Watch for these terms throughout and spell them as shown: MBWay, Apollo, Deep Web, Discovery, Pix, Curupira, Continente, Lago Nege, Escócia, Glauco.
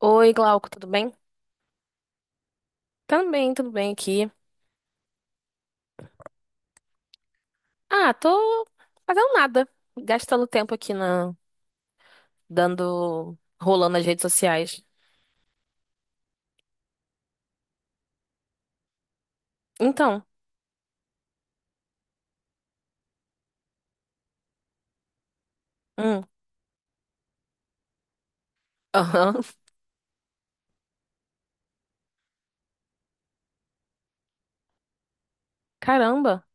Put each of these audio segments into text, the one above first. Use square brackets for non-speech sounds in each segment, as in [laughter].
Oi, Glauco, tudo bem? Também, tudo bem aqui. Ah, tô fazendo nada, gastando tempo aqui na dando rolando nas redes sociais. Então. Hum. [laughs] aham. Caramba,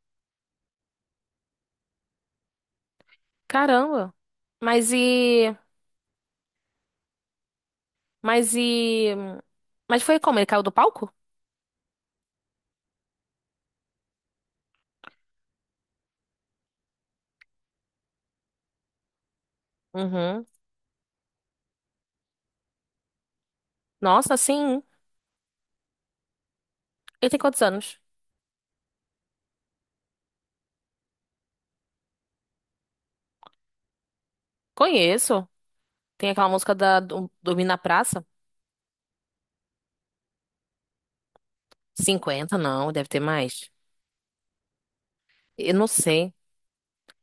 caramba. Mas e, mas e, mas foi como? Ele caiu do palco? Uhum. Nossa, sim. Ele tem quantos anos? Conheço. Tem aquela música da Dormir na Praça? 50? Não, deve ter mais. Eu não sei.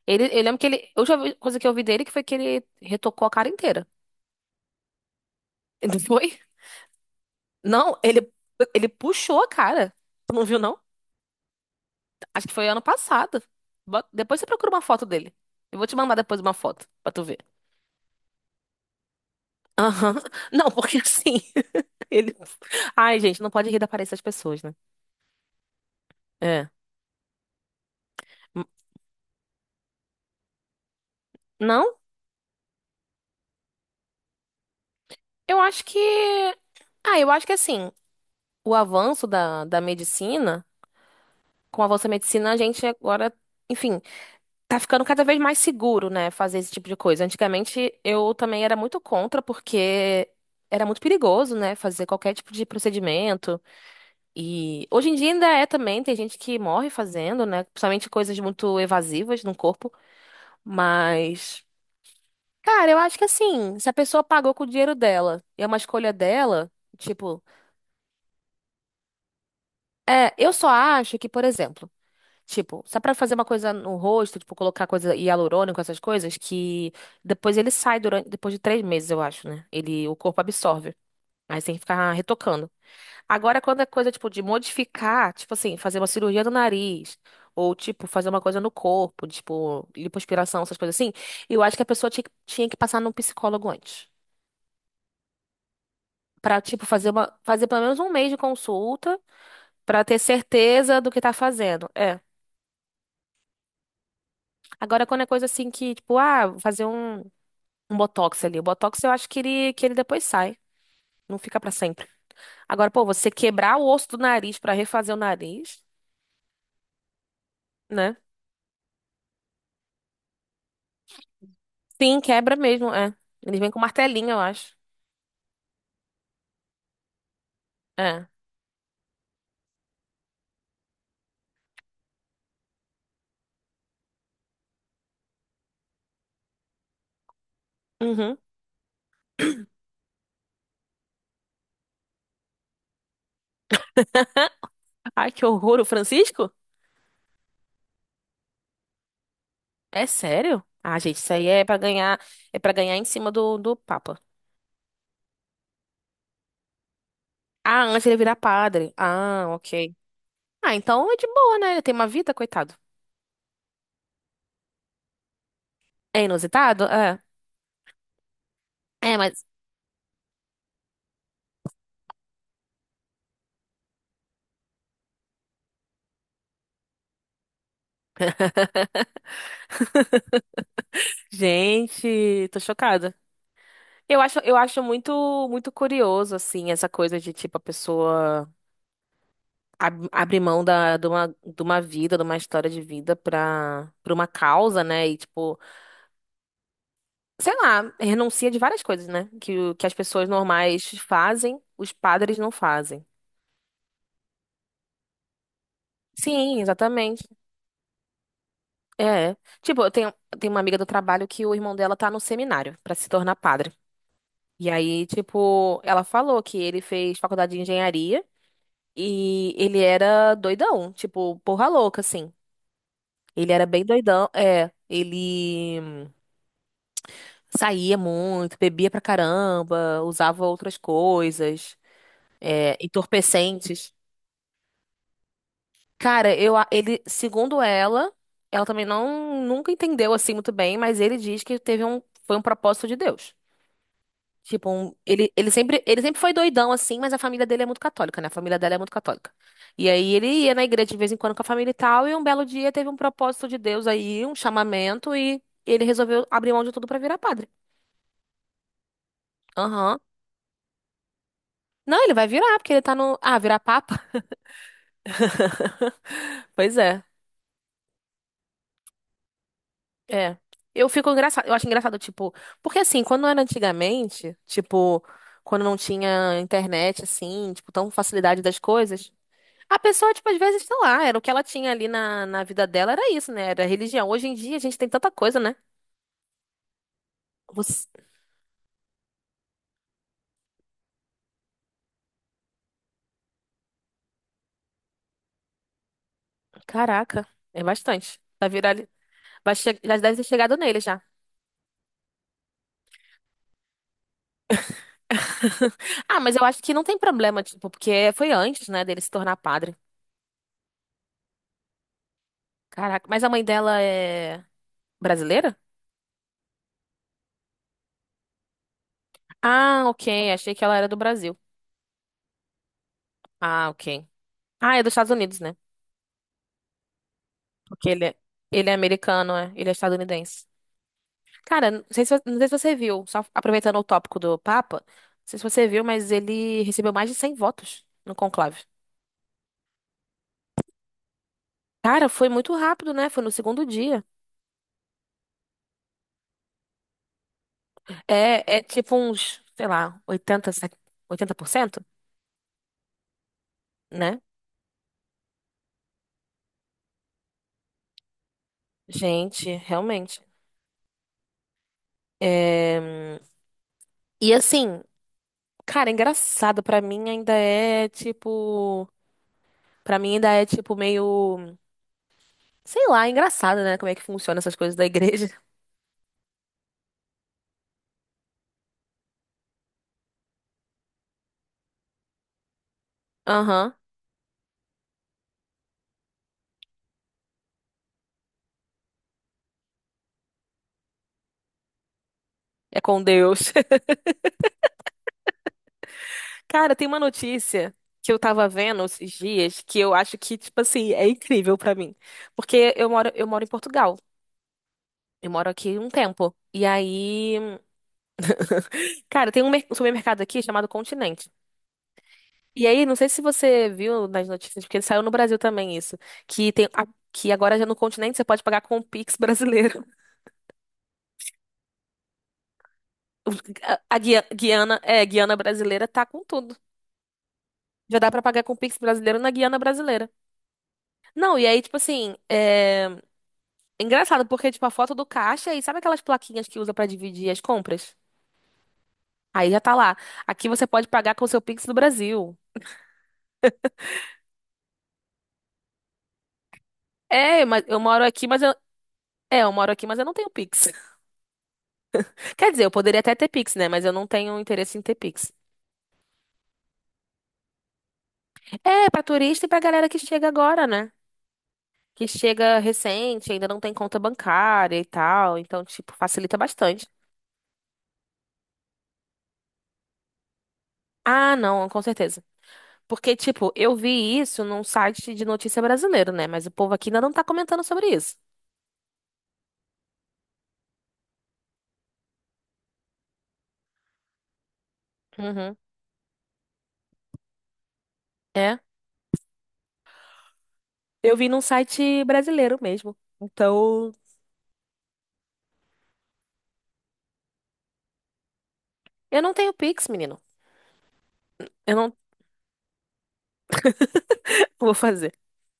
Ele, eu lembro que ele. A última coisa que eu vi dele que foi que ele retocou a cara inteira. [laughs] Não foi? Não, ele puxou a cara. Tu não viu, não? Acho que foi ano passado. Depois você procura uma foto dele. Eu vou te mandar depois uma foto pra tu ver. Aham. [laughs] Não, porque assim. [laughs] Ele. Ai, gente, não pode rir da aparência das pessoas, né? É. M- Não, eu acho que. Ah, eu acho que assim, o avanço da medicina, com o avanço da medicina, a gente agora, enfim. Tá ficando cada vez mais seguro, né, fazer esse tipo de coisa. Antigamente eu também era muito contra, porque era muito perigoso, né, fazer qualquer tipo de procedimento. E hoje em dia ainda é também, tem gente que morre fazendo, né, principalmente coisas muito evasivas no corpo. Mas, cara, eu acho que assim, se a pessoa pagou com o dinheiro dela e é uma escolha dela, tipo, é, eu só acho que, por exemplo, tipo, só pra fazer uma coisa no rosto, tipo, colocar coisa hialurônico, essas coisas, que depois ele sai durante, depois de 3 meses, eu acho, né? Ele, o corpo absorve. Aí você tem que ficar retocando. Agora, quando é coisa, tipo, de modificar, tipo assim, fazer uma cirurgia no nariz, ou, tipo, fazer uma coisa no corpo, tipo, lipoaspiração, essas coisas assim, eu acho que a pessoa tinha que passar num psicólogo antes. Pra, tipo, fazer pelo menos um mês de consulta, pra ter certeza do que tá fazendo. É. Agora, quando é coisa assim que, tipo, ah, vou fazer um botox ali. O botox eu acho que ele depois sai, não fica pra sempre. Agora, pô, você quebrar o osso do nariz pra refazer o nariz, né? Sim, quebra mesmo, é. Eles vêm com martelinho, eu acho. É. Uhum. Ai, que horror, o Francisco? É sério? Ah, gente, isso aí é pra ganhar, é para ganhar em cima do Papa. Ah, antes ele virar padre. Ah, ok. Ah, então é de boa, né? Ele tem uma vida, coitado. É inusitado? É. É, mas. Gente, tô chocada. Eu acho muito, muito curioso, assim, essa coisa de, tipo, a pessoa abrir mão de uma vida, de uma história de vida pra uma causa, né? E, tipo, sei lá, renuncia de várias coisas, né? Que, que as pessoas normais fazem, os padres não fazem. Sim, exatamente. É. Tipo, eu tenho uma amiga do trabalho que o irmão dela tá no seminário pra se tornar padre. E aí, tipo, ela falou que ele fez faculdade de engenharia. E ele era doidão, tipo, porra louca, assim. Ele era bem doidão, é. Ele saía muito, bebia pra caramba, usava outras coisas, é, entorpecentes. Cara, ele, segundo ela, ela também não nunca entendeu assim muito bem, mas ele diz que foi um propósito de Deus. Tipo, ele, ele sempre foi doidão assim, mas a família dele é muito católica, né? A família dela é muito católica. E aí ele ia na igreja de vez em quando com a família e tal, e um belo dia teve um propósito de Deus aí, um chamamento, e ele resolveu abrir mão de tudo pra virar padre. Aham. Não, ele vai virar, porque ele tá no. Ah, virar papa? [laughs] Pois é. É. Eu fico engraçado, eu acho engraçado, tipo, porque assim, quando era antigamente, tipo, quando não tinha internet, assim, tipo, tão facilidade das coisas. A pessoa, tipo, às vezes, sei lá, era o que ela tinha ali na vida dela, era isso, né? Era religião. Hoje em dia a gente tem tanta coisa, né? Você- Caraca, é bastante. Tá virali. Vai che. Já deve ter chegado nele já. [laughs] Ah, mas eu acho que não tem problema, tipo, porque foi antes, né, dele se tornar padre. Caraca, mas a mãe dela é brasileira? Ah, ok, achei que ela era do Brasil. Ah, ok. Ah, é dos Estados Unidos, né? Porque ele é americano, é. Ele é estadunidense. Cara, não sei se, não sei se você viu, só aproveitando o tópico do Papa, não sei se você viu, mas ele recebeu mais de 100 votos no conclave. Cara, foi muito rápido, né? Foi no segundo dia. É, é tipo uns, sei lá, oitenta se- 80% né? Gente, realmente. É, e assim, cara, engraçado pra mim ainda é tipo, pra mim ainda é tipo meio, sei lá, engraçado, né? Como é que funciona essas coisas da igreja? [laughs] Aham. É com Deus. Cara, tem uma notícia que eu tava vendo esses dias que eu acho que, tipo assim, é incrível pra mim. Porque eu moro em Portugal. Eu moro aqui um tempo. E aí, cara, tem um supermercado aqui chamado Continente. E aí, não sei se você viu nas notícias, porque saiu no Brasil também isso, que que agora já no Continente você pode pagar com o Pix brasileiro. [laughs] A Guiana brasileira tá com tudo. Já dá pra pagar com o Pix brasileiro na Guiana brasileira. Não, e aí, tipo assim, é. Engraçado, porque, tipo, a foto do caixa e sabe aquelas plaquinhas que usa pra dividir as compras? Aí já tá lá. Aqui você pode pagar com o seu Pix do Brasil. É, mas eu moro aqui, mas eu. É, eu moro aqui, mas eu não tenho Pix. [laughs] Quer dizer, eu poderia até ter Pix, né? Mas eu não tenho interesse em ter Pix. É, pra turista e pra galera que chega agora, né? Que chega recente, ainda não tem conta bancária e tal. Então, tipo, facilita bastante. Ah, não, com certeza. Porque, tipo, eu vi isso num site de notícia brasileiro, né? Mas o povo aqui ainda não tá comentando sobre isso. Uhum. É. Eu vi num site brasileiro mesmo. Então, eu não tenho Pix, menino. Eu não [laughs] vou fazer.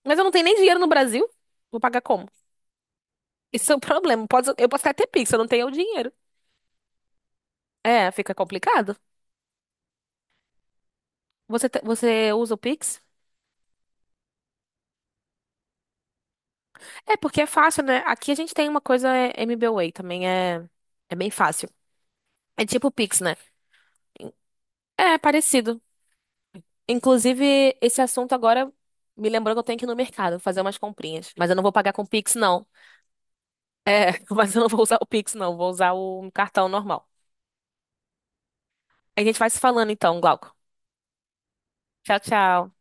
Mas eu não tenho nem dinheiro no Brasil. Vou pagar como? Isso é um problema. Eu posso até ter Pix, eu não tenho o dinheiro. É, fica complicado. Você usa o Pix? É, porque é fácil, né? Aqui a gente tem uma coisa é, MBWay, também é bem fácil. É tipo o Pix, né? É parecido. Inclusive, esse assunto agora me lembrou que eu tenho que ir no mercado fazer umas comprinhas. Mas eu não vou pagar com Pix, não. É, [laughs] mas eu não vou usar o Pix, não. Vou usar o cartão normal. A gente vai se falando então, Glauco. Tchau, tchau.